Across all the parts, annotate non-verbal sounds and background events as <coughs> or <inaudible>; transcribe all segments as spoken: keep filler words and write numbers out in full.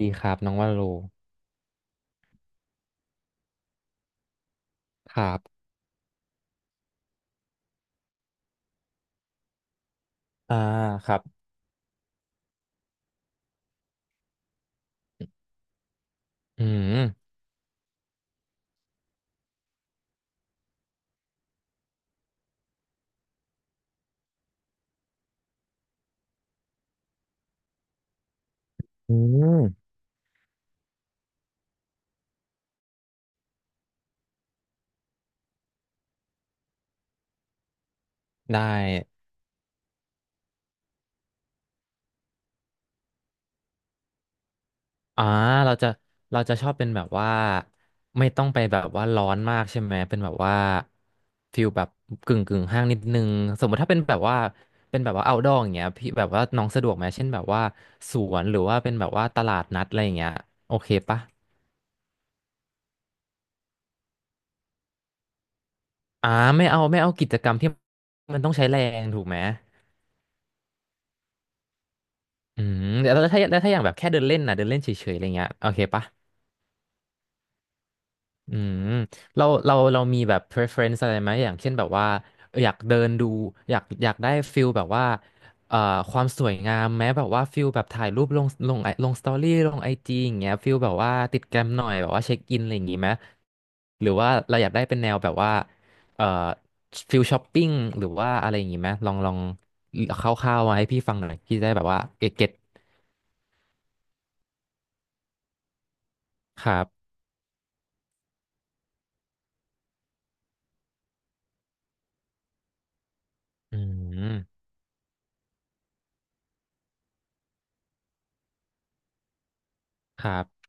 ดีครับน้องว่าโลครับอ่าครับอืมอืมได้อ่าเราจะเราจะชอบเป็นแบบว่าไม่ต้องไปแบบว่าร้อนมากใช่ไหมเป็นแบบว่าฟิลแบบกึ่งกึ่งห้างนิดนึงสมมติถ้าเป็นแบบว่าเป็นแบบว่า outdoor อย่างเงี้ยพี่แบบว่าน้องสะดวกไหมเช่นแบบว่าสวนหรือว่าเป็นแบบว่าตลาดนัดอะไรอย่างเงี้ยโอเคปะอ่าไม่เอาไม่เอากิจกรรมที่มันต้องใช้แรงถูกไหมอืมแล้วถ้าแล้วถ้าอย่างแบบแค่เดินเล่นนะเดินเล่นเฉยๆอะไรเงี้ยโอเคปะ อืมเราเราเรามีแบบ preference อะไรไหมอย่างเช่นแบบว่าเอออยากเดินดูอยากอยากได้ฟิลแบบว่าเอ่อความสวยงามแม้แบบว่าฟิลแบบถ่ายรูปลงลงไอลงสตอรี่ลงไอจีอย่างเงี้ยฟิลแบบว่าติดแกรมหน่อยแบบว่าเช็คอินอะไรอย่างงี้ไหมหรือว่าเราอยากได้เป็นแนวแบบว่าเอ่อฟิลช้อปปิ้งหรือว่าอะไรอย่างงี้ไหมลองลองคร่าวๆมาให้พี่ฟังหน่อยพี่จะได้แบบว่าเกตเก็ตครับอืมคร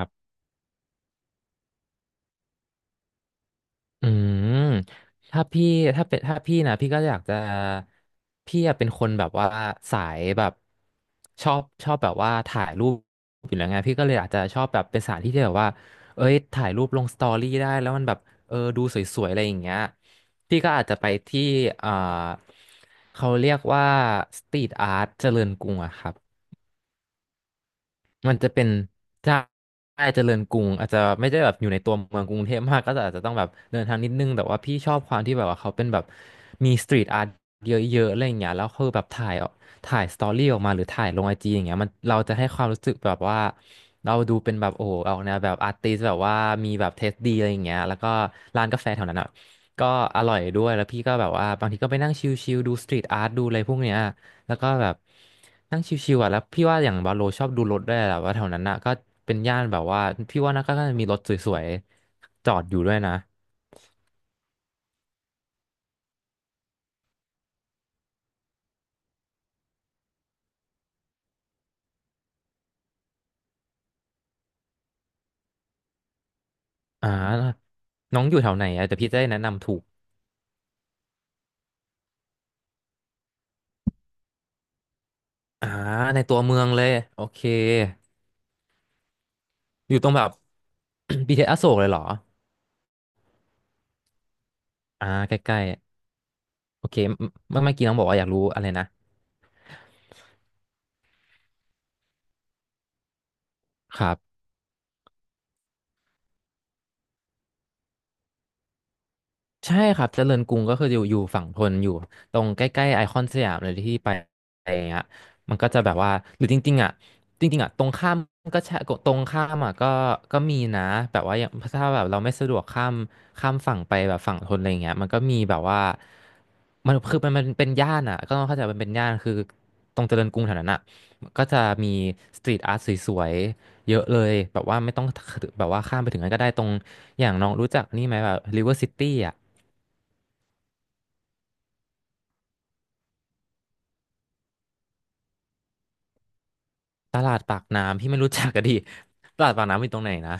ับ อืมถ้าพี่ถ้าเป็นถ้าพี่นะพี่ก็อยากจะพี่อะเป็นคนแบบว่าสายแบบชอบชอบแบบว่าถ่ายรูปอยู่แล้วไงพี่ก็เลยอาจจะชอบแบบเป็นสถานที่ที่แบบว่าเอ้ยถ่ายรูปลงสตอรี่ได้แล้วมันแบบเออดูสวยๆอะไรอย่างเงี้ยพี่ก็อาจจะไปที่อ่าเขาเรียกว่าสตรีทอาร์ตเจริญกรุงอะครับ มันจะเป็นใช่เจริญกรุงอาจจะไม่ได้แบบอยู่ในตัวเมืองกรุงเทพมากก็จะอาจจะต้องแบบเดินทางนิดนึงแต่ว่าพี่ชอบความที่แบบว่าเขาเป็นแบบมีสตรีทอาร์ตเยอะๆอะไรอย่างเงี้ยแล้วคือแบบถ่ายออกถ่ายสตอรี่ออกมาหรือถ่ายลงไอจีอย่างเงี้ยมันเราจะให้ความรู้สึกแบบว่าเราดูเป็นแบบโอ้โหออกแนวแบบอาร์ติสแบบว่ามีแบบเทสดีอะไรอย่างเงี้ยแล้วก็ร้านกาแฟแถวนั้นอ่ะก็อร่อยด้วยแล้วพี่ก็แบบว่าบางทีก็ไปนั่งชิลๆดูสตรีทอาร์ตดูอะไรพวกเนี้ย แล้วก็แบบนั่งชิวๆอ่ะแล้วพี่ว่าอย่างบาโลชอบดูรถด้วยแหละว่าแถวนั้นน่ะก็เป็นย่านแบบว่าพี่ว่าน่าก็น่าจะมีรถสวยๆจอดอยู่ด้วยนะอ่าน้องอยู่แถวไหนอ่ะแต่พี่จะได้แนะนำถูกอ่าในตัวเมืองเลยโอเคอยู่ตรงแบบ <coughs> บี ที เอส อสอโศกเลยเหรออ่าใกล้ๆโอเคเมื่อเมื่อกี้น้องบอกว่าอยากรู้อะไรนะครับ ใช่ครับเจริญกรุงก็คืออยู่อยู่ฝั่งธนอยู่ตรงใกล้ๆไอคอนสยามเลยที่ไปอะไรอย่างเงี้ยมันก็จะแบบว่าหรือจริงๆอ่ะจริงๆอ่ะตรงข้ามก็ใช่ตรงข้ามอ่ะก็ก็มีนะแบบว่าอย่างถ้าแบบเราไม่สะดวกข้ามข้ามฝั่งไปแบบฝั่งธนอะไรอย่างเงี้ยมันก็มีแบบว่ามันคือมันมันเป็นย่านอ่ะก็ต้องเข้าใจมันเป็นย่านคือตรงเจริญกรุงแถวนั้นอ่ะก็จะมีสตรีทอาร์ตสวยๆเยอะเลยแบบว่าไม่ต้องแบบว่าข้ามไปถึงนั้นก็ได้ตรงอย่างน้องรู้จักนี่ไหมแบบริเวอร์ซิตี้อ่ะ ตลาดปากน้ำพี่ไม่รู้จักก็ดี <laughs> ตลาดปากน้ำอยู่ตรงไหนนะ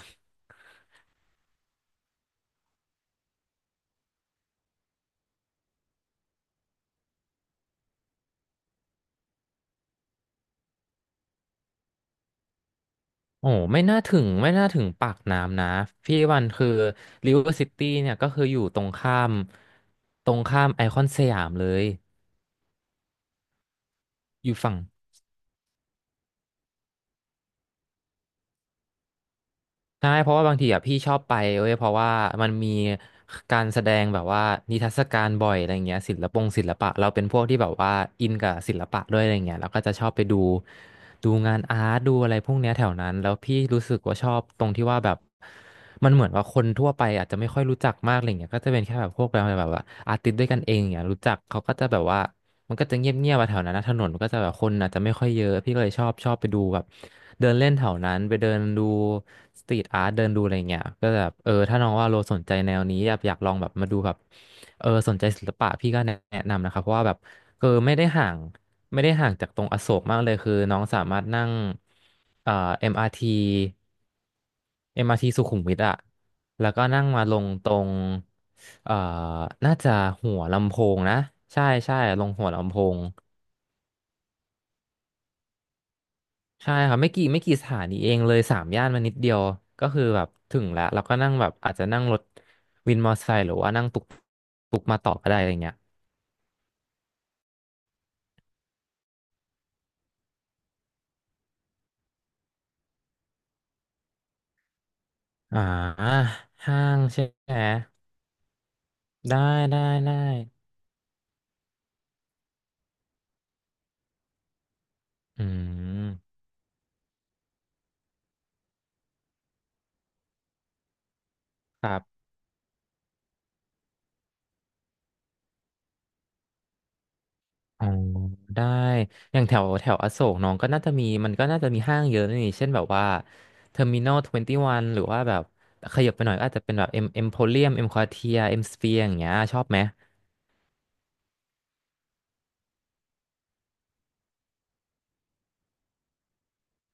โอ้ไม่น่าถึงไม่น่าถึงปากน้ำนะพี่วันคือริเวอร์ซิตี้เนี่ยก็คืออยู่ตรงข้ามตรงข้ามไอคอนสยามเลยอยู่ฝั่ง ใช่เพราะว่าบางทีอ่ะพี่ชอบไปเว้ยเพราะว่ามันมีการแสดงแบบว่านิทรรศการบ่อยอะไรเงี้ยศิลปงศิลปะเราเป็นพวกที่แบบว่าอินกับศิลปะด้วยอะไรเงี้ยเราก็จะชอบไปดูดูงานอาร์ตดูอะไรพวกเนี้ยแถวนั้นแล้วพี่รู้สึกว่าชอบตรงที่ว่าแบบมันเหมือนว่าคนทั่วไปอาจจะไม่ค่อยรู้จักมากอะไรเงี้ยก็จะเป็นแค่แบบพวกแบบแบบว่าอาร์ติสต์ด้วยกันเองอย่างเงี้ยรู้จักเขาก็จะแบบว่า มันก็จะเงียบเงียบแถวนั้นนะถนนมันก็จะแบบคนอาจจะไม่ค่อยเยอะพี่ก็เลยชอบชอบไปดูแบบเดินเล่นแถวนั้นไปเดินดูสตรีทอาร์ตเดินดูอะไรเงี้ยก็แบบเออถ้าน้องว่าโลสนใจแนวนี้อยากอยากลองแบบมาดูแบบเออสนใจศิลปะพี่ก็แนะแนะนำนะครับเพราะว่าแบบเออไม่ได้ห่างไม่ได้ห่างจากตรงอโศกมากเลยคือน้องสามารถนั่งเอ่อ เอ็ม อาร์ ที เอ็มอาร์ทีสุขุมวิทอะแล้วก็นั่งมาลงตรง เอ่อ น่าจะหัวลำโพงนะ ใช่ใช่ลงหัวลำโพง ใช่ครับไม่กี่ไม่กี่สถานีเองเลยสามย่านมานิดเดียวก็คือแบบถึงแล้วแล้วก็นั่งแบบอาจจะนั่งรถวินมอเตอร์ไซค์หรือว่านั่งตุกตุกมาต่อก็ได้อะไรเงี้ยอ่าห้างใช่ไหมได้ได้ได้อืมครับ อ๋อได้อย่างแถวแถวอโศกน้องก็น่าจะมีมันก็น่าจะมีห้างเยอะนี่เช่นแบบว่าเทอร์มินอลทเวนตี้วันหรือว่าแบบขยับไปหน่อยก็อาจจะเป็นแบบเอ็มเอ็มโพเรียมเอ็มควอเทียเอ็มสเฟียอย่างเงี้ยชอบไหม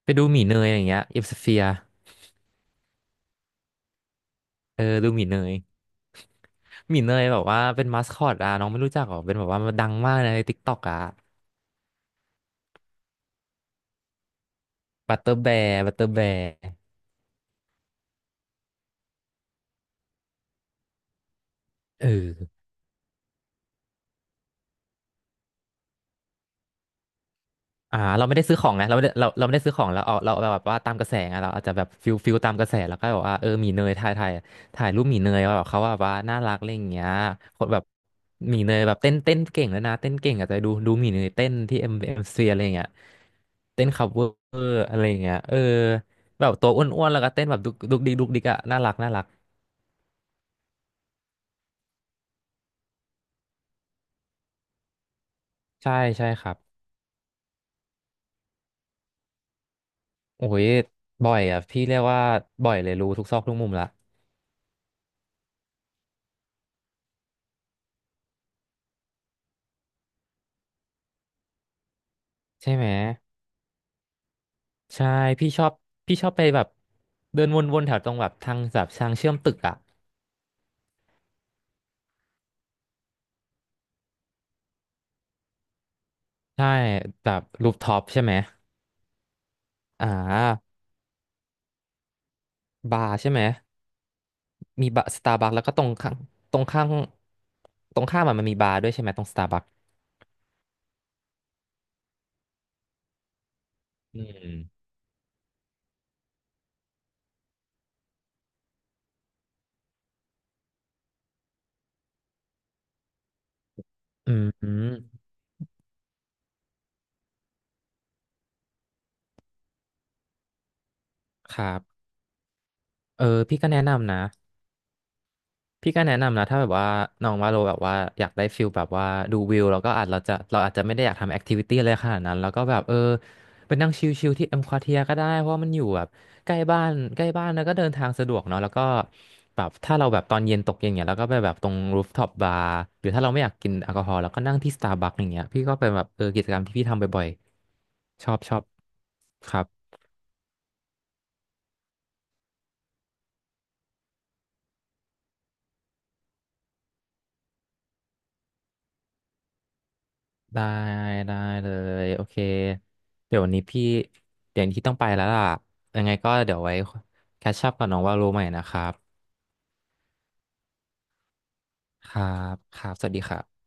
ไปดูหมีเนยอย่างเงี้ยเอ็มสเฟียเออดูหมีเนยหมีเนยแบบว่าเป็นมาสคอตอ่ะน้องไม่รู้จักหรอเป็นแบบว่ามันดังมากในทิกตอกอ่ะบัตเตอร์แบร์บัตเตอร์แบร์เออ อ่าเราไม่ได้ซื้อของไงเราไม่ได้เราเราไม่ได้ซื้อของเราเอาเราเราแบบว่าตามกระแสไงเราอาจจะแบบฟิลฟิลตามกระแสแล้วก็แบบว่าเออหมีเนยถ่ายถ่ายถ่ายรูปหมีเนยว่าแบบเขาว่าแบบว่าน่ารักอะไรอย่างเงี้ยคนแบบหมีเนยแบบเต้นเต้นเก่งแล้วนะเต้นเก่งอาจจะดูดูหมีเนยเต้นที่เอ็มเอ็มซีอะไรอย่างเงี้ยเต้นคัฟเวอร์อะไรอย่างเงี้ยเออแบบตัวอ้วนๆแล้วก็เต้นแบบดุกดุกดิกดุกดิกอะน่ารักน่ารักใช่ใช่ครับโอ้ยบ่อยอ่ะพี่เรียกว่าบ่อยเลยรู้ทุกซอกทุกมุมละใช่ไหม ใช่พี่ชอบพี่ชอบไปแบบเดินวนๆแถวตรงแบบทางแบบทางเชื่อมตึกอ่ะใช่แบบรูฟท็อปใช่ไหมอ่าบาร์ใช่ไหมมีบาร์สตาร์บัคแล้วก็ตรงข้างตรงข้างตรงข้ามอะมันมีบาร์ด้วยใช่ไหมตรงสตาร์บัคอืมอืมอืมครับเออพี่ก็แนะนำนะ พี่ก็แนะนำนะถ้าแบบว่าน้องว่าโลแบบว่าอยากได้ฟิลแบบว่าดูวิวแล้วก็อาจเราจะเราอาจจะไม่ได้อยากทำแอคทิวิตี้อะไรขนาดนั้นแล้วก็แบบเออไปนั่งชิลๆที่เอ็มควอเทียก็ได้เพราะว่ามันอยู่แบบใกล้บ้านใกล้บ้านแล้วก็เดินทางสะดวกเนาะแล้วก็แบบถ้าเราแบบตอนเย็นตกเย็นเนี่ยเราก็ไปแบบตรงรูฟท็อปบาร์หรือถ้าเราไม่อยากกินแอลกอฮอล์เราก็นั่งที่สตาร์บัคอย่างเงี้ยพี่ก็เป็นแบบเออกิจกรรมที่พี่ทำบ่อยๆชอบชอบครับ ได้ได้เลยโอเคเดี๋ยววันนี้พี่เดี๋ยวที่ต้องไปแล้วล่ะยังไงก็เดี๋ยวไว้แคชชัพกับน้องว่ารู้ใหม่นะครับครับครับสวัสดีครับ